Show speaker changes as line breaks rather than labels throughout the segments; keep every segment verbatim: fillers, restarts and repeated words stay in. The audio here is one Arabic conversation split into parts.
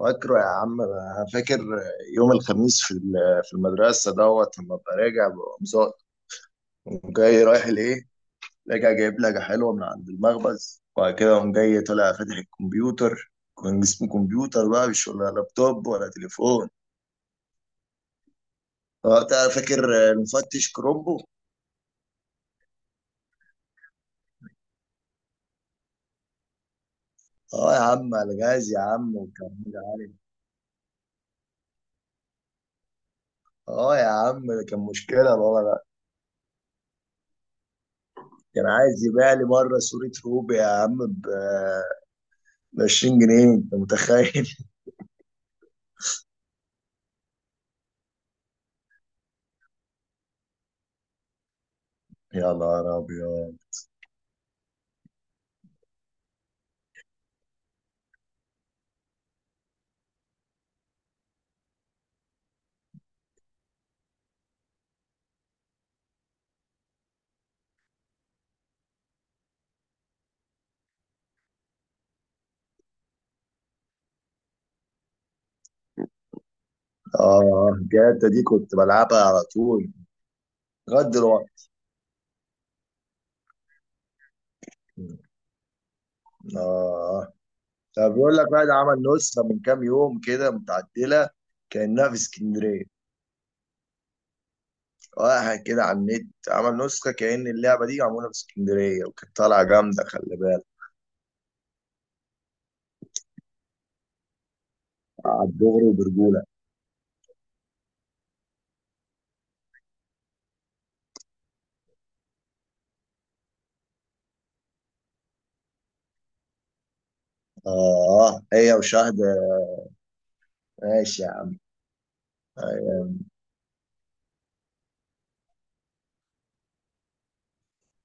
فاكره يا عم، أنا فاكر. يوم الخميس في ال- في المدرسه دوت لما ابقى راجع بقوم زا- قوم جاي رايح لايه. راجع جايب لجه حلوه من عند المخبز، وبعد كده قوم جاي طالع فاتح الكمبيوتر. كان اسمه كمبيوتر بقى، مش ولا لابتوب ولا تليفون. وقتها فاكر المفتش كرومبو. اه يا عم على جهاز يا عم، وكان عالي. اه يا عم ده كان مشكله بابا ده. كان عايز يبيع لي مره صوره روبي يا عم ب عشرين جنيه، انت متخيل؟ يا نهار أبيض. آه جاتا دي كنت بلعبها على طول، لغاية دلوقتي. آه، طب بيقول لك واحد عمل نسخة من كام يوم كده متعدلة كأنها في اسكندرية. واحد كده على النت عمل نسخة كأن اللعبة دي معمولة في اسكندرية، وكانت طالعة جامدة خلي بالك. على الدغري وبرجولة. آه هي وشهد. ماشي يا عم. أيوة.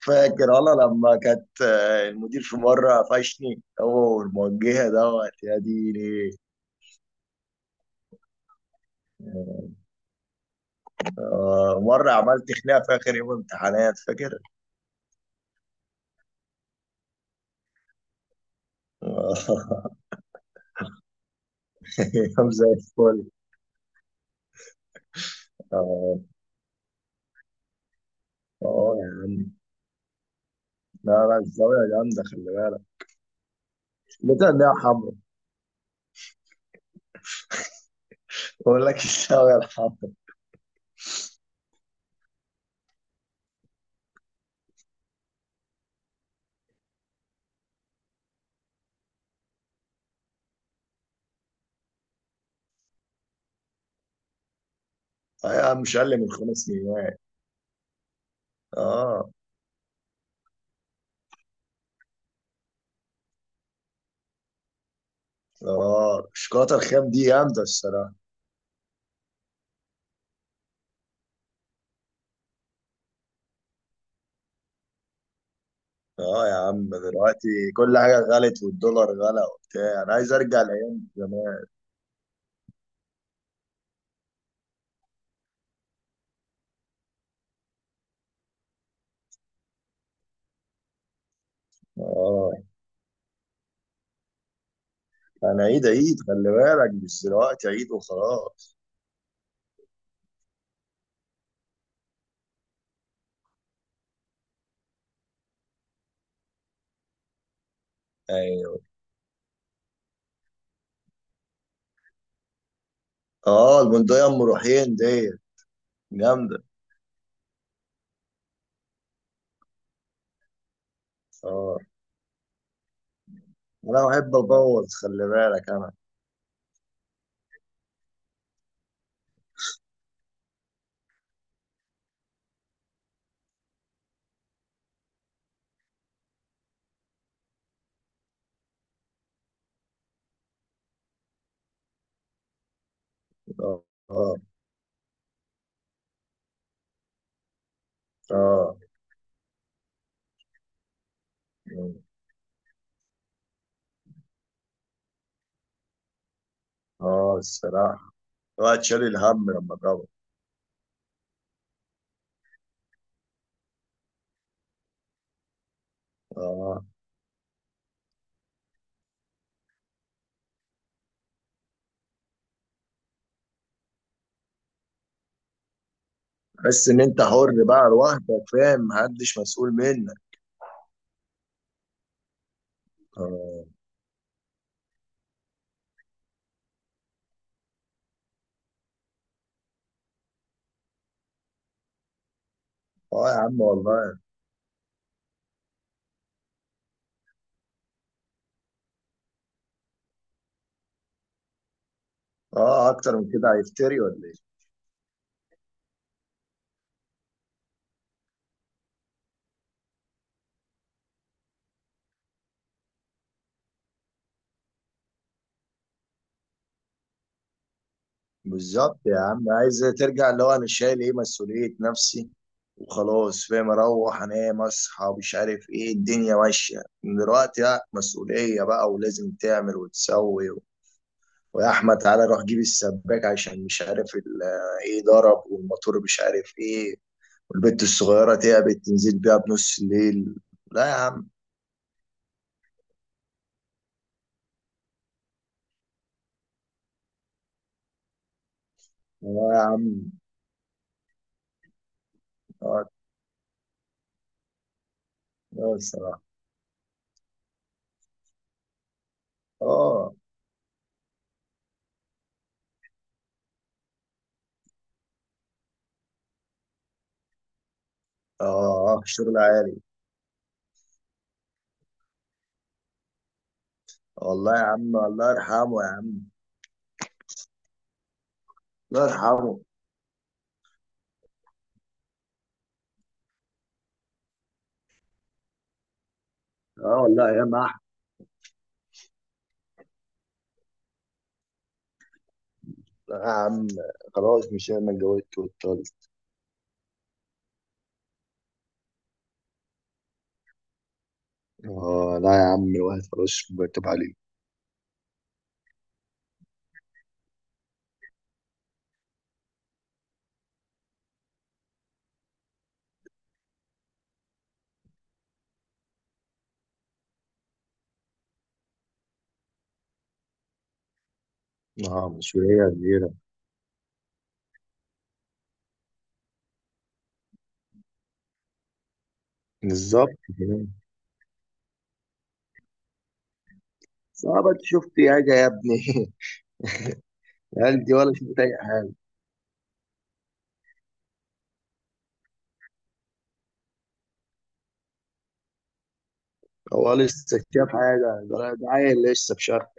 فاكر والله لما كانت، آه، المدير في مرة قفشني هو والموجهة دوت يا ديني. آه، مرة عملت خناقة في آخر يوم امتحانات، فاكر؟ آه. يوم زي الفل. اه آه يا عم. لا لا الزاوية جامدة خلي بالك. لقيت إن هي حمرا. بقول لك الزاوية الحمرا. آه يا عم مش أقل من خمس سنين. اه. اه الشوكولاتة الخام دي جامدة الصراحة. اه يا عم دلوقتي كل حاجة غلت، والدولار غلى وبتاع. أنا عايز أرجع لأيام زمان. اه. أنا عيد عيد خلي بالك، مش دلوقتي عيد وخلاص. أيوه. اه البندقية أم روحين دي جامدة. اه انا بحب ابوظ خلي بالك انا. اه اه اه اه الصراحة الواحد شايل الهم لما ضرب. اه تحس ان انت حر بقى لوحدك فاهم، محدش مسؤول منك. اه اه يا عم والله. اه اكتر من كده هيفتري ولا ايه؟ بالظبط يا عم، عايز ترجع اللي هو انا شايل ايه؟ مسؤولية نفسي وخلاص، فاهم؟ اروح انام اصحى مش عارف ايه. الدنيا ماشية من دلوقتي لا مسؤولية بقى، ولازم تعمل وتسوي. ويا احمد تعالى روح جيب السباك عشان مش عارف ال- ايه ضرب، والموتور مش عارف ايه، والبت الصغيره تعبت تنزل بيها بنص الليل. لا يا عم. لا يا عم. اه. اه الصراحه. اه. اه شغل عالي. والله يا عم الله يرحمه يا عم. الله يرحمه. اه والله يا ما أحمد. لا يا عم، خلاص مش انا اتجوزت واتطلقت. اه لا يا عم، الواحد خلاص مرتب عليه. اه مسؤوليه كبيره. بالظبط كده. صعبة شفت حاجة يا ابني. قال دي ولا شفت اي حاجه. هو لسه شاف حاجه؟ ده ده عيل لسه في شرق.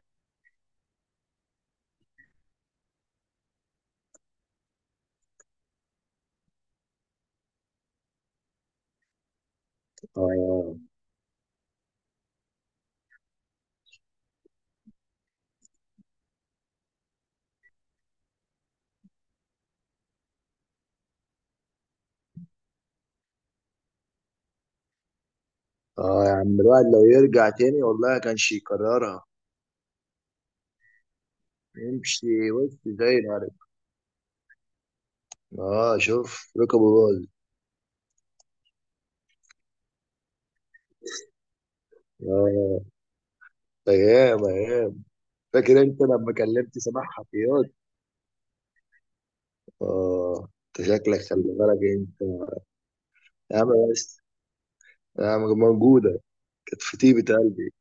اه. اه يا عم الواحد لو يرجع تاني والله كانش يكررها. يمشي بص زي العرب. اه شوف ركبه باظ. اه ايام ايام. فاكر انت لما كلمت سماح حفيظ؟ اه. انت شكلك خلي بالك انت. يا عم بس. يا عم موجوده. كانت في طيبه قلبي.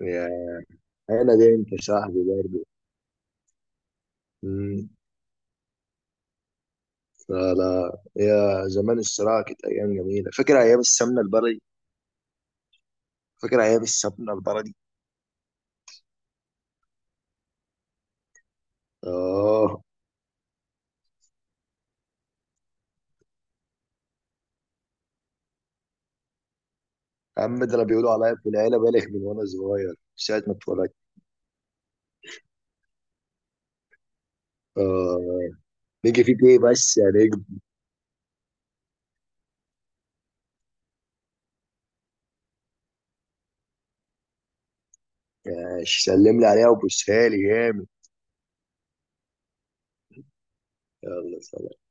يا انا دي انت صاحبي برضه. لا لا يا زمان، الصراع كانت أيام جميلة. فاكر أيام السمنة البلدي؟ فاكر أيام السمنة البلدي. آه يا عم ده أنا بيقولوا عليا في العيلة بالغ من وأنا صغير، مش ساعة ما اتولدت. آه نيجي فيك إيه بس يا نجم. آه، سلم لي عليها وبوسها لي جامد. يلا.